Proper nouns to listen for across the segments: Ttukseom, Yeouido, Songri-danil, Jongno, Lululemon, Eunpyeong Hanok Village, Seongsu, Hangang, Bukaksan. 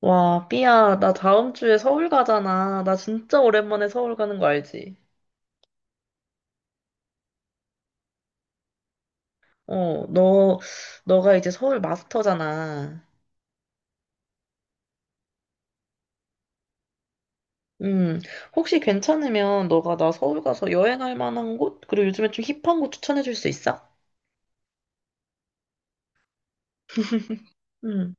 와, 삐야, 나 다음 주에 서울 가잖아. 나 진짜 오랜만에 서울 가는 거 알지? 어, 너가 이제 서울 마스터잖아. 음, 혹시 괜찮으면 너가 나 서울 가서 여행할 만한 곳? 그리고 요즘에 좀 힙한 곳 추천해 줄 수 있어? 음.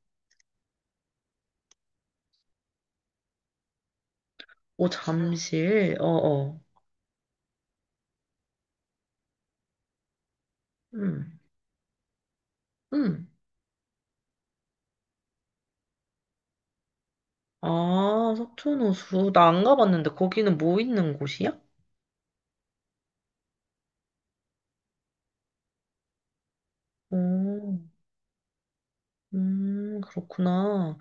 오, 잠실. 어어. 음. 음. 아, 석촌호수. 나 안 가봤는데 거기는 뭐 있는 곳이야? 오, 그렇구나.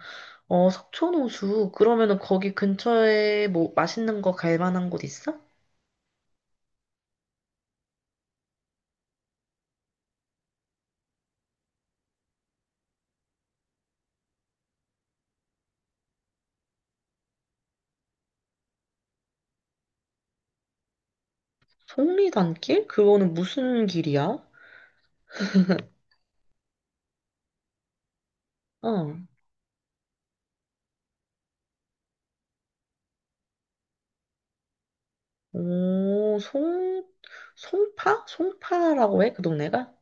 어, 석촌호수. 그러면은 거기 근처에 뭐 맛있는 거 갈 만한 곳 있어? 송리단길? 그거는 무슨 길이야? 어. 오, 송파? 송파라고 해? 그 동네가?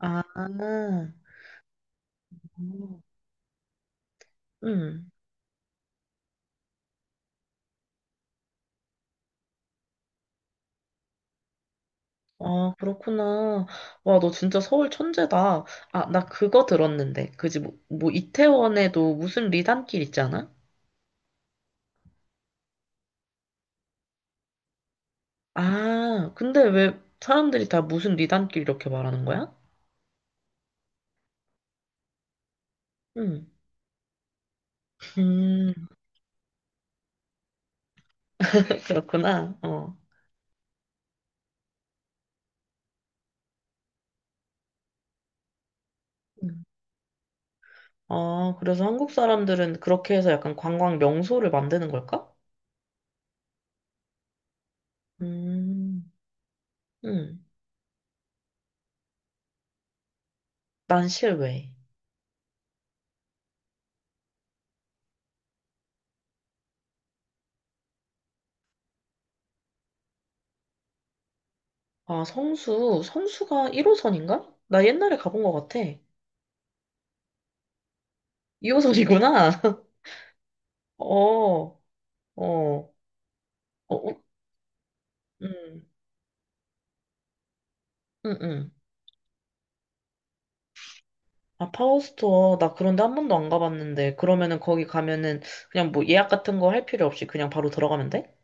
아, 음. 음. 아, 그렇구나. 와, 너 진짜 서울 천재다. 아, 나 그거 들었는데. 그지, 뭐, 이태원에도 무슨 리단길 있잖아? 아, 근데 왜 사람들이 다 무슨 리단길 이렇게 말하는 거야? 응. 음, 그렇구나. 어. 음. 아, 그래서 한국 사람들은 그렇게 해서 약간 관광 명소를 만드는 걸까? 음. 음. 난실외 아, 성수. 성수가 1호선인가? 나 옛날에 가본 것 같아. 2호선이구나. 어, 어, 어, 어, 음, 음, 음. 아, 파워스토어. 나 그런데 한 번도 안 가봤는데. 그러면은 거기 가면은 그냥 뭐 예약 같은 거 할 필요 없이 그냥 바로 들어가면 돼?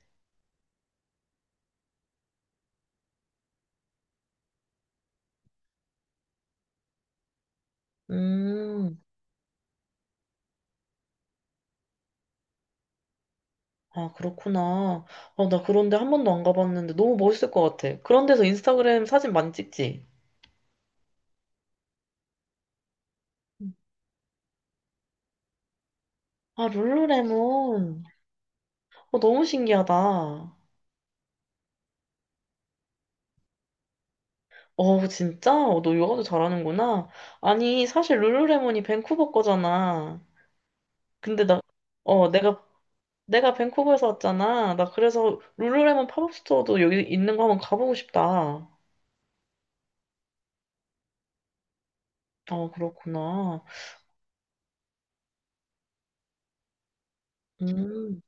음. 아, 그렇구나. 아, 나 그런데 한 번도 안 가봤는데 너무 멋있을 것 같아. 그런 데서 인스타그램 사진 많이 찍지? 음. 아, 룰루레몬. 어, 너무 신기하다. 어, 진짜? 어, 너 요가도 잘하는구나. 아니, 사실 룰루레몬이 밴쿠버 거잖아. 근데 나, 어, 내가, 내가 밴쿠버에서 왔잖아. 나 그래서 룰루레몬 팝업 스토어도 여기 있는 거 한번 가보고 싶다. 아, 그렇구나. 음.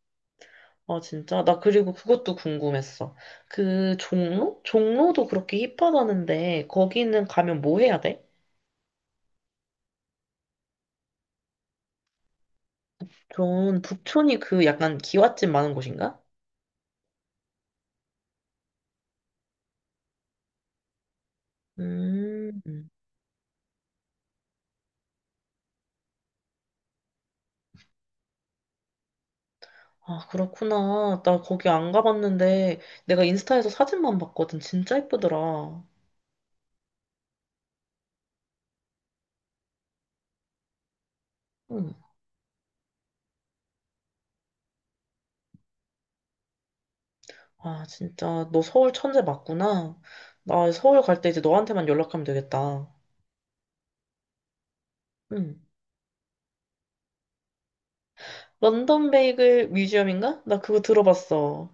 아, 진짜? 나 그리고 그것도 궁금했어. 그 종로? 종로도 그렇게 힙하다는데 거기는 가면 뭐 해야 돼? 전 북촌이 그 약간 기와집 많은 곳인가? 음. 아, 그렇구나. 나 거기 안 가봤는데 내가 인스타에서 사진만 봤거든. 진짜 예쁘더라. 응. 아, 진짜 너 서울 천재 맞구나. 나 서울 갈 때 이제 너한테만 연락하면 되겠다. 응. 런던 베이글 뮤지엄인가? 나 그거 들어봤어.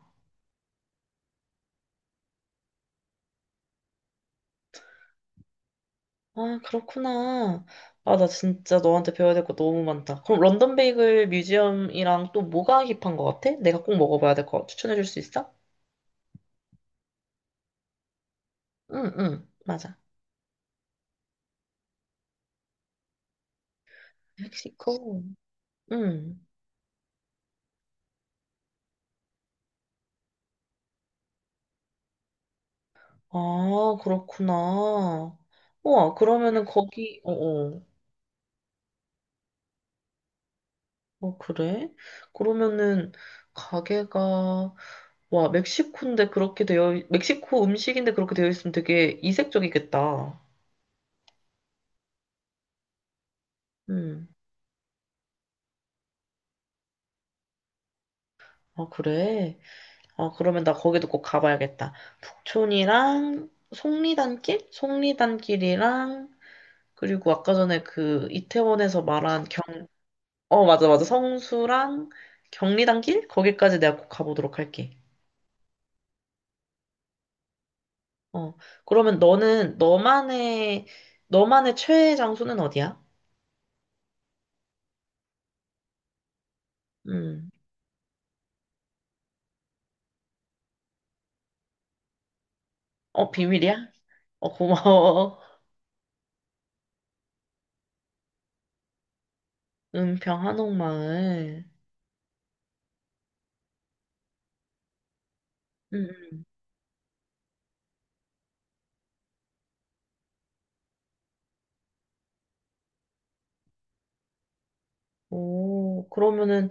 아, 그렇구나. 아, 나 진짜 너한테 배워야 될 거 너무 많다. 그럼 런던 베이글 뮤지엄이랑 또 뭐가 힙한 거 같아? 내가 꼭 먹어봐야 될 거 추천해 줄 수 있어? 응, 응, 맞아. 멕시코. 응. 아, 그렇구나. 우와, 그러면은 거기, 어, 어. 어, 그래? 그러면은 가게가, 와, 멕시코 음식인데 그렇게 되어 있으면 되게 이색적이겠다. 응. 아, 그래? 어, 그러면 나 거기도 꼭 가봐야겠다. 북촌이랑 속리단길? 속리단길이랑 그리고 아까 전에 그 이태원에서 말한 어, 맞아, 맞아. 성수랑 경리단길? 거기까지 내가 꼭 가보도록 할게. 어, 그러면 너만의 최애 장소는 어디야? 음, 어, 비밀이야? 어, 고마워. 은평 한옥마을. 음, 음. 오, 그러면은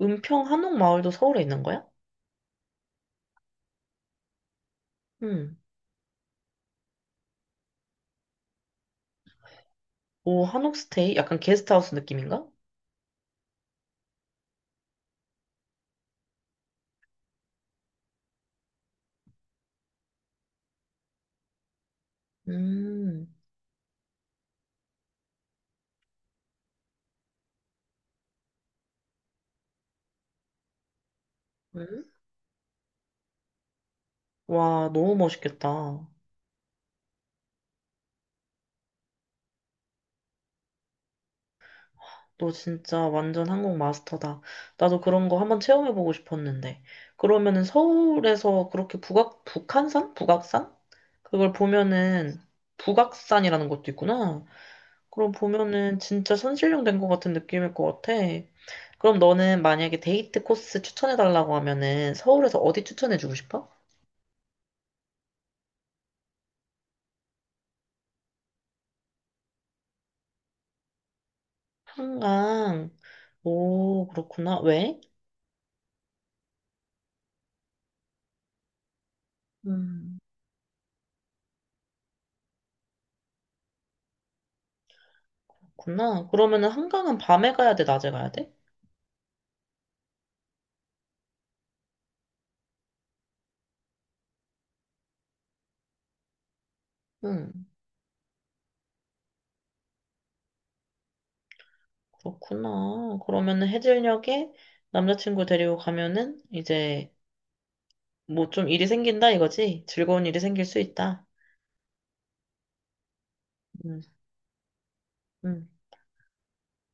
은평 한옥마을도 서울에 있는 거야? 음. 오, 한옥 스테이? 약간 게스트하우스 느낌인가? 음. 음. 와, 너무 멋있겠다. 너 진짜 완전 한국 마스터다. 나도 그런 거 한번 체험해보고 싶었는데. 그러면은 서울에서 그렇게 북한산? 북악산? 그걸 보면은 북악산이라는 것도 있구나. 그럼 보면은 진짜 선실령 된 것 같은 느낌일 것 같아. 그럼 너는 만약에 데이트 코스 추천해달라고 하면은 서울에서 어디 추천해주고 싶어? 한강. 오, 그렇구나. 왜? 음, 그렇구나. 그러면은 한강은 밤에 가야 돼, 낮에 가야 돼? 음, 그렇구나. 그러면은 해질녘에 남자친구 데리고 가면은 이제 뭐 좀 일이 생긴다 이거지? 즐거운 일이 생길 수 있다. 음, 음.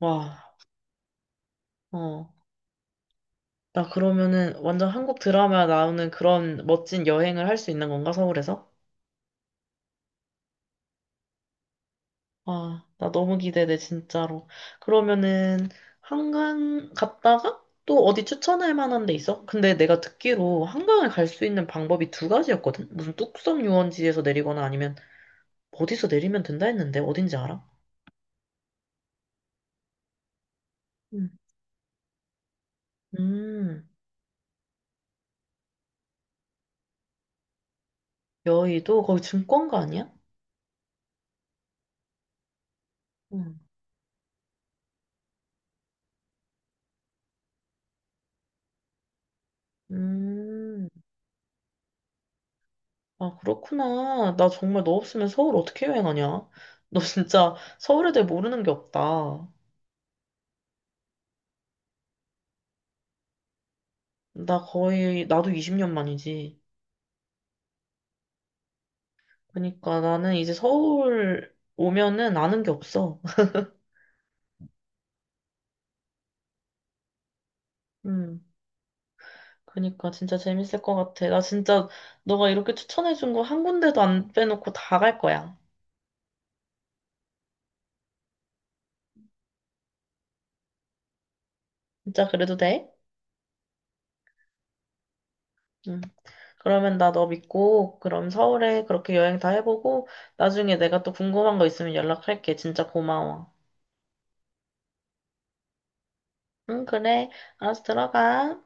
와, 어. 나 그러면은 완전 한국 드라마 나오는 그런 멋진 여행을 할 수 있는 건가, 서울에서? 와, 나 너무 기대돼, 진짜로. 그러면은, 한강 갔다가 또 어디 추천할 만한 데 있어? 근데 내가 듣기로 한강을 갈 수 있는 방법이 두 가지였거든? 무슨 뚝섬 유원지에서 내리거나 아니면 어디서 내리면 된다 했는데, 어딘지 알아? 응, 음, 여의도? 거기 증권가 아니야? 응. 음, 아, 그렇구나. 나 정말 너 없으면 서울 어떻게 여행하냐? 너 진짜 서울에 대해 모르는 게 없다. 나도 20년 만이지. 그니까 나는 이제 서울 오면은 아는 게 없어. 음. 그니까 진짜 재밌을 것 같아. 나 진짜 너가 이렇게 추천해준 거 한 군데도 안 빼놓고 다 갈 거야. 진짜 그래도 돼? 응. 그러면 나 너 믿고 그럼 서울에 그렇게 여행 다 해보고 나중에 내가 또 궁금한 거 있으면 연락할게. 진짜 고마워. 응, 그래. 알았어, 들어가.